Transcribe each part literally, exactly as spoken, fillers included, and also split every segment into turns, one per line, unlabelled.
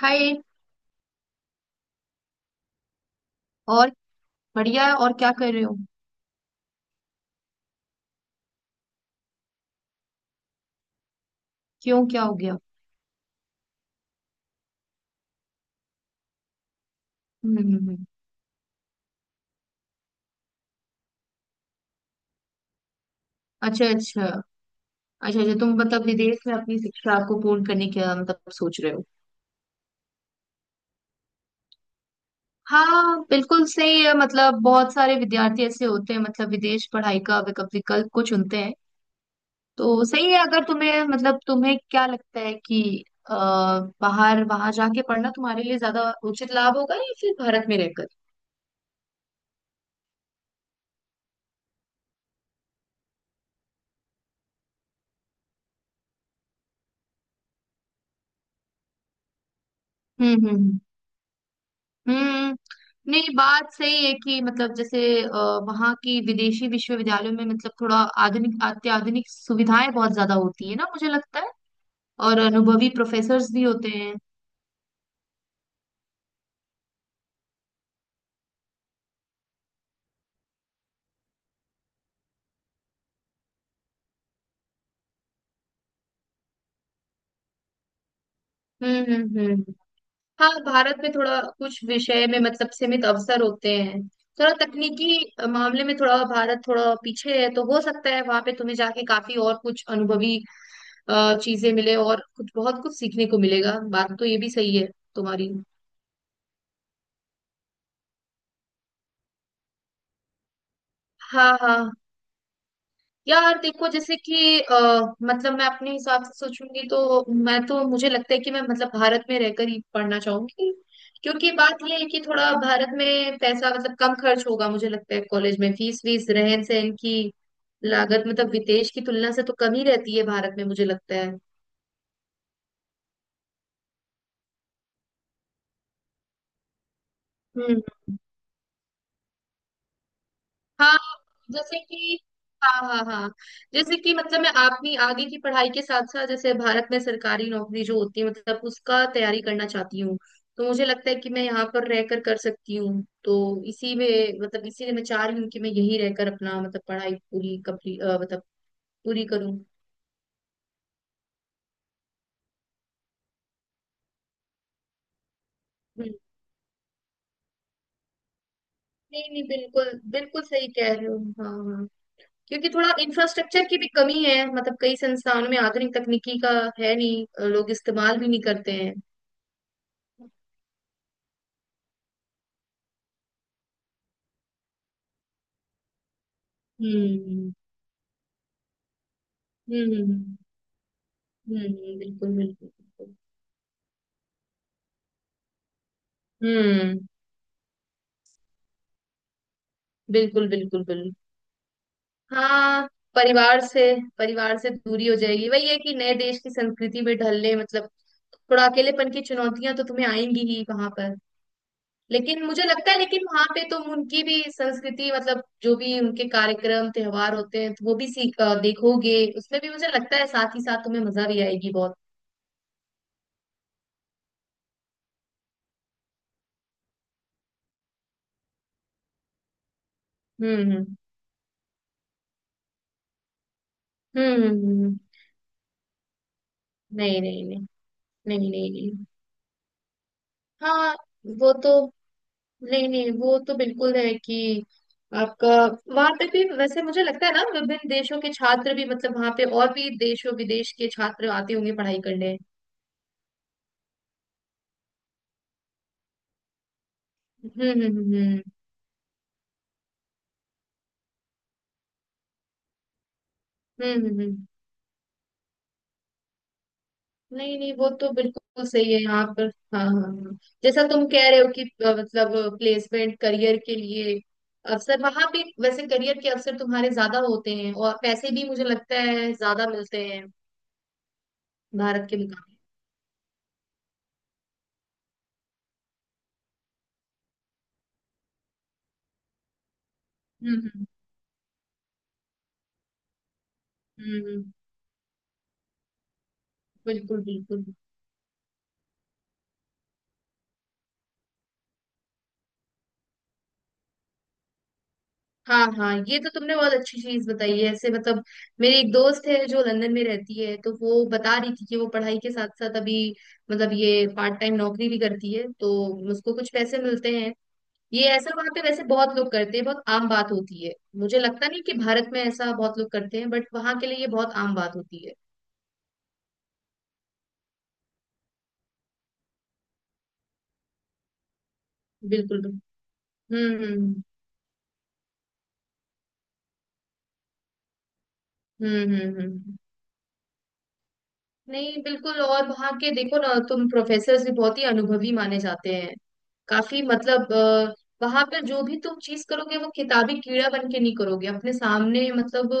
हाय। और बढ़िया है और क्या कर रहे हो? क्यों? क्या हो गया? हम्म हम्म, हम्म। अच्छा अच्छा। अच्छा अच्छा, तुम मतलब विदेश में अपनी शिक्षा को पूर्ण करने का मतलब सोच रहे हो? हाँ, बिल्कुल सही है। मतलब बहुत सारे विद्यार्थी ऐसे होते हैं, मतलब विदेश पढ़ाई का विकल्प विकल्प को चुनते हैं। तो सही है, अगर तुम्हें मतलब तुम्हें क्या लगता है कि अ, बाहर वहां जाके पढ़ना तुम्हारे लिए ज्यादा उचित लाभ होगा या फिर भारत में रहकर? हम्म हम्म हम्म। हम्म। नहीं, बात सही है कि मतलब जैसे अ, वहाँ की विदेशी विश्वविद्यालयों में मतलब थोड़ा आधुनिक अत्याधुनिक सुविधाएं बहुत ज्यादा होती है ना, मुझे लगता है। और अनुभवी प्रोफेसर्स भी होते हैं। हम्म हम्म हम्म। हाँ, भारत में थोड़ा कुछ विषय में मतलब सीमित अवसर होते हैं। थोड़ा तकनीकी अ, मामले में थोड़ा भारत थोड़ा पीछे है, तो हो सकता है वहां पे तुम्हें जाके काफी और कुछ अनुभवी अ, चीजें मिले और कुछ बहुत कुछ सीखने को मिलेगा। बात तो ये भी सही है तुम्हारी। हाँ हाँ। यार देखो, जैसे कि अ, मतलब मैं अपने हिसाब से सोचूंगी तो मैं तो मुझे लगता है कि मैं मतलब भारत में रहकर ही पढ़ना चाहूंगी। क्योंकि बात यह है कि थोड़ा भारत में पैसा मतलब कम खर्च होगा मुझे लगता है, कॉलेज में फीस वीस रहन सहन की लागत मतलब विदेश की तुलना से तो कम ही रहती है भारत में, मुझे लगता है। हम्म। हाँ। जैसे कि। हाँ हाँ हाँ। जैसे कि मतलब मैं अपनी आगे की पढ़ाई के साथ साथ जैसे भारत में सरकारी नौकरी जो होती है, मतलब उसका तैयारी करना चाहती हूँ, तो मुझे लगता है कि मैं यहाँ पर रहकर कर सकती हूँ। तो इसी में मतलब इसीलिए मैं चाह रही हूँ कि मैं यहीं रहकर अपना मतलब पढ़ाई पूरी कंप्लीट मतलब पूरी करूँ। हम्म। नहीं नहीं, बिल्कुल बिल्कुल सही कह रहे हो। हाँ हाँ। क्योंकि थोड़ा इंफ्रास्ट्रक्चर की भी कमी है, मतलब कई संस्थानों में आधुनिक तकनीकी का है नहीं, लोग इस्तेमाल भी नहीं करते हैं। हम्म हम्म हम्म हम्म, बिल्कुल बिल्कुल बिल्कुल। हम्म। बिल्कुल बिल्कुल बिल्कुल। हाँ। परिवार से परिवार से दूरी हो जाएगी, वही है कि नए देश की संस्कृति में ढलने मतलब थोड़ा अकेलेपन की चुनौतियां तो तुम्हें आएंगी ही वहां पर। लेकिन मुझे लगता है, लेकिन वहां पे तुम उनकी भी संस्कृति मतलब जो भी उनके कार्यक्रम त्योहार होते हैं तो वो भी सीख अ, देखोगे, उसमें भी मुझे लगता है साथ ही साथ तुम्हें मजा भी आएगी बहुत। हम्म हम्म हम्म हम्म, हम्म। हम्म। नहीं नहीं नहीं। नहीं नहीं नहीं। हाँ, वो तो। नहीं नहीं, वो तो बिल्कुल है कि आपका वहां पे भी वैसे मुझे लगता है ना विभिन्न देशों के छात्र भी मतलब वहां पे और भी देशों विदेश के छात्र आते होंगे पढ़ाई करने। हम्म हम्म हम्म हम्म हम्म, हम्म। हम्म। नहीं नहीं, वो तो बिल्कुल सही है यहाँ पर। हाँ हाँ हाँ। जैसा तुम कह रहे हो कि अ, मतलब प्लेसमेंट करियर के लिए अवसर वहां पे, वैसे करियर के अवसर तुम्हारे ज्यादा होते हैं, और पैसे भी मुझे लगता है ज्यादा मिलते हैं भारत के मुकाबले। हम्म हम्म हम्म, हम्म। बिल्कुल बिल्कुल। हाँ हाँ, ये तो तुमने बहुत अच्छी चीज बताई है, ऐसे मतलब। मेरी एक दोस्त है जो लंदन में रहती है, तो वो बता रही थी कि वो पढ़ाई के साथ साथ अभी मतलब ये पार्ट टाइम नौकरी भी करती है, तो उसको कुछ पैसे मिलते हैं। ये ऐसा वहां पे वैसे बहुत लोग करते हैं, बहुत आम बात होती है। मुझे लगता नहीं कि भारत में ऐसा बहुत लोग करते हैं, बट वहां के लिए ये बहुत आम बात होती है। बिल्कुल बिल्कुल। हम्म हम्म हम्म हम्म हम्म। नहीं बिल्कुल, और वहाँ के देखो ना तुम प्रोफेसर्स भी बहुत ही अनुभवी माने जाते हैं। काफी मतलब अ, वहाँ पर जो भी तुम चीज करोगे वो किताबी कीड़ा बन के नहीं करोगे, अपने सामने मतलब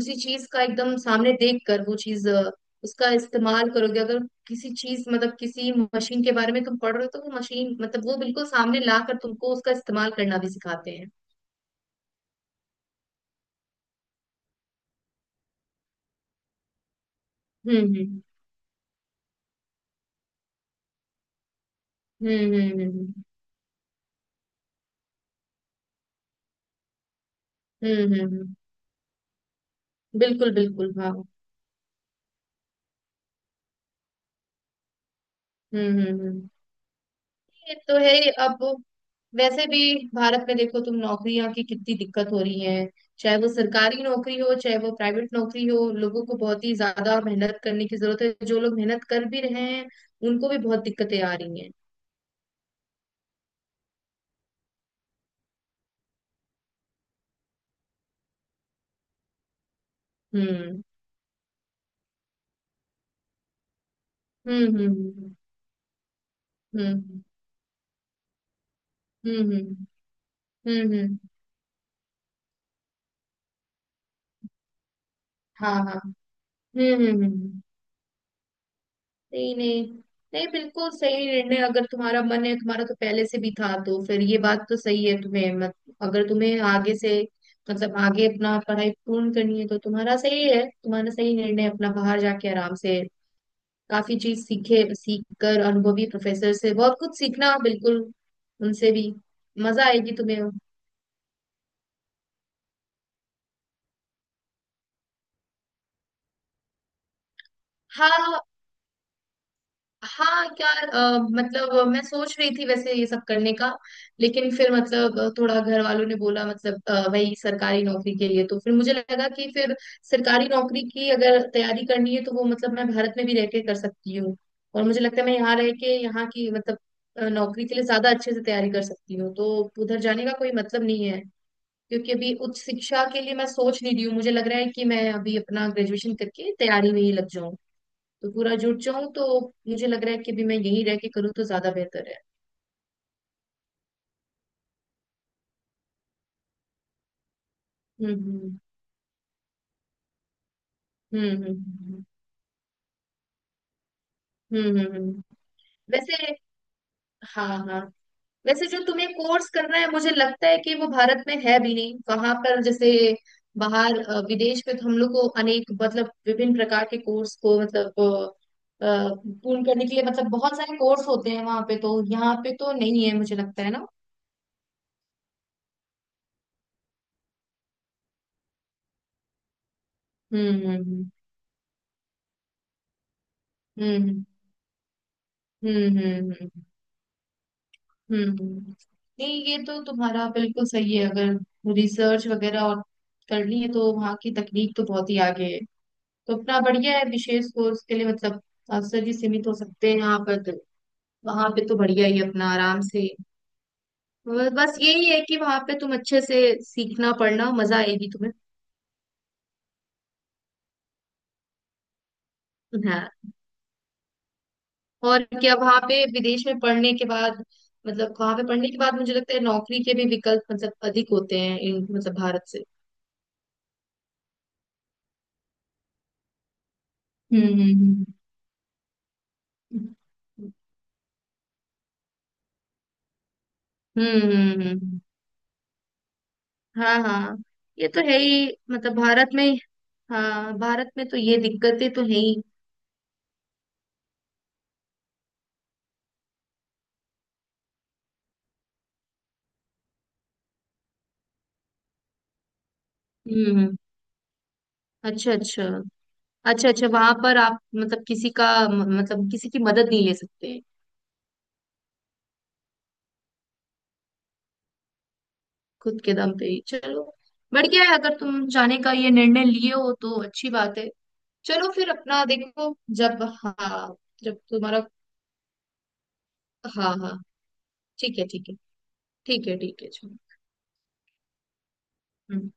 उसी चीज का एकदम सामने देख कर वो चीज अ, उसका इस्तेमाल करोगे। अगर किसी चीज मतलब किसी मशीन के बारे में तुम पढ़ रहे हो, तो वो मशीन मतलब वो बिल्कुल सामने ला कर तुमको उसका इस्तेमाल करना भी सिखाते हैं। हम्म हम्म हम्म हम्म हम्म हम्म हम्म, हम्म, हम्म, बिल्कुल बिल्कुल हाँ। हम्म हम्म हम्म। ये तो है ही। अब वैसे भी भारत में देखो, तुम नौकरियां की कितनी दिक्कत हो रही है, चाहे वो सरकारी नौकरी हो चाहे वो प्राइवेट नौकरी हो। लोगों को बहुत ही ज्यादा मेहनत करने की जरूरत है, जो लोग मेहनत कर भी रहे हैं उनको भी बहुत दिक्कतें आ रही हैं। हम्म हम्म हम्म हम्म हम्म हम्म हम्म हम्म, हाँ हाँ। हम्म हम्म हम्म। नहीं नहीं नहीं, बिल्कुल सही निर्णय। अगर तुम्हारा मन है, तुम्हारा तो पहले से भी था, तो फिर ये बात तो सही है। तुम्हें मत, अगर तुम्हें आगे से मतलब आगे अपना पढ़ाई पूर्ण करनी है तो तुम्हारा सही है, तुम्हारा सही निर्णय अपना बाहर जाके आराम से काफी चीज सीखे सीख कर अनुभवी प्रोफेसर से बहुत कुछ सीखना। बिल्कुल उनसे भी मजा आएगी तुम्हें। हाँ हाँ यार, अ, मतलब मैं सोच रही थी वैसे ये सब करने का, लेकिन फिर मतलब अ, थोड़ा घर वालों ने बोला मतलब अ, वही सरकारी नौकरी के लिए, तो फिर मुझे लगा कि फिर सरकारी नौकरी की अगर तैयारी करनी है तो वो मतलब मैं भारत में भी रह के कर सकती हूँ। और मुझे लगता है मैं यहाँ रह के यहाँ की मतलब अ, नौकरी के लिए ज्यादा अच्छे से तैयारी कर सकती हूँ, तो उधर जाने का कोई मतलब नहीं है। क्योंकि अभी उच्च शिक्षा के लिए मैं सोच नहीं रही हूँ, मुझे लग रहा है कि मैं अभी अपना ग्रेजुएशन करके तैयारी में ही लग जाऊँ, तो पूरा जुट जाऊं, तो मुझे लग रहा है कि अभी मैं यहीं रह के करूँ तो ज्यादा बेहतर है। हम्म हम्म हम्म हम्म हम्म हम्म। वैसे। हाँ हाँ। वैसे जो तुम्हें कोर्स करना है मुझे लगता है कि वो भारत में है भी नहीं। वहां पर जैसे बाहर अ, विदेश में तो हम लोग को अनेक मतलब विभिन्न प्रकार के कोर्स को मतलब अ, अ, पूर्ण करने के लिए मतलब बहुत सारे कोर्स होते हैं वहां पे। तो यहाँ पे तो नहीं है मुझे लगता है ना। हम्म हम्म हम्म हम्म हम्म हम्म हम्म, हम्म। हम्म। नहीं, ये तो तुम्हारा बिल्कुल सही है। अगर रिसर्च वगैरह और करनी है, तो वहाँ की तकनीक तो बहुत ही आगे है। तो अपना बढ़िया है विशेष कोर्स के लिए मतलब मास्टर जी सीमित हो सकते हैं यहाँ पर, तो वहाँ पे तो बढ़िया ही है अपना आराम से। ब- बस यही है कि वहाँ पे तुम अच्छे से सीखना पढ़ना मजा आएगी तुम्हें। हाँ। और क्या वहाँ पे विदेश में पढ़ने के बाद, मतलब वहाँ पे पढ़ने के बाद, मुझे लगता है नौकरी के भी विकल्प मतलब अधिक होते हैं इन मतलब भारत से। हम्म हम्म हम्म। हम्म हम्म, हम्म, हम्म। हाँ हाँ, ये तो है ही, मतलब भारत में। हाँ, भारत में तो ये दिक्कतें तो है ही। हम्म। अच्छा अच्छा। अच्छा अच्छा, वहां पर आप मतलब किसी का म- मतलब किसी की मदद नहीं ले सकते? खुद के दम पे ही। चलो बढ़िया है, अगर तुम जाने का ये निर्णय लिए हो तो अच्छी बात है। चलो फिर अपना देखो। जब, हाँ, जब तुम्हारा, हाँ हाँ, ठीक है ठीक है। ठीक है ठीक है चलो। हम्म।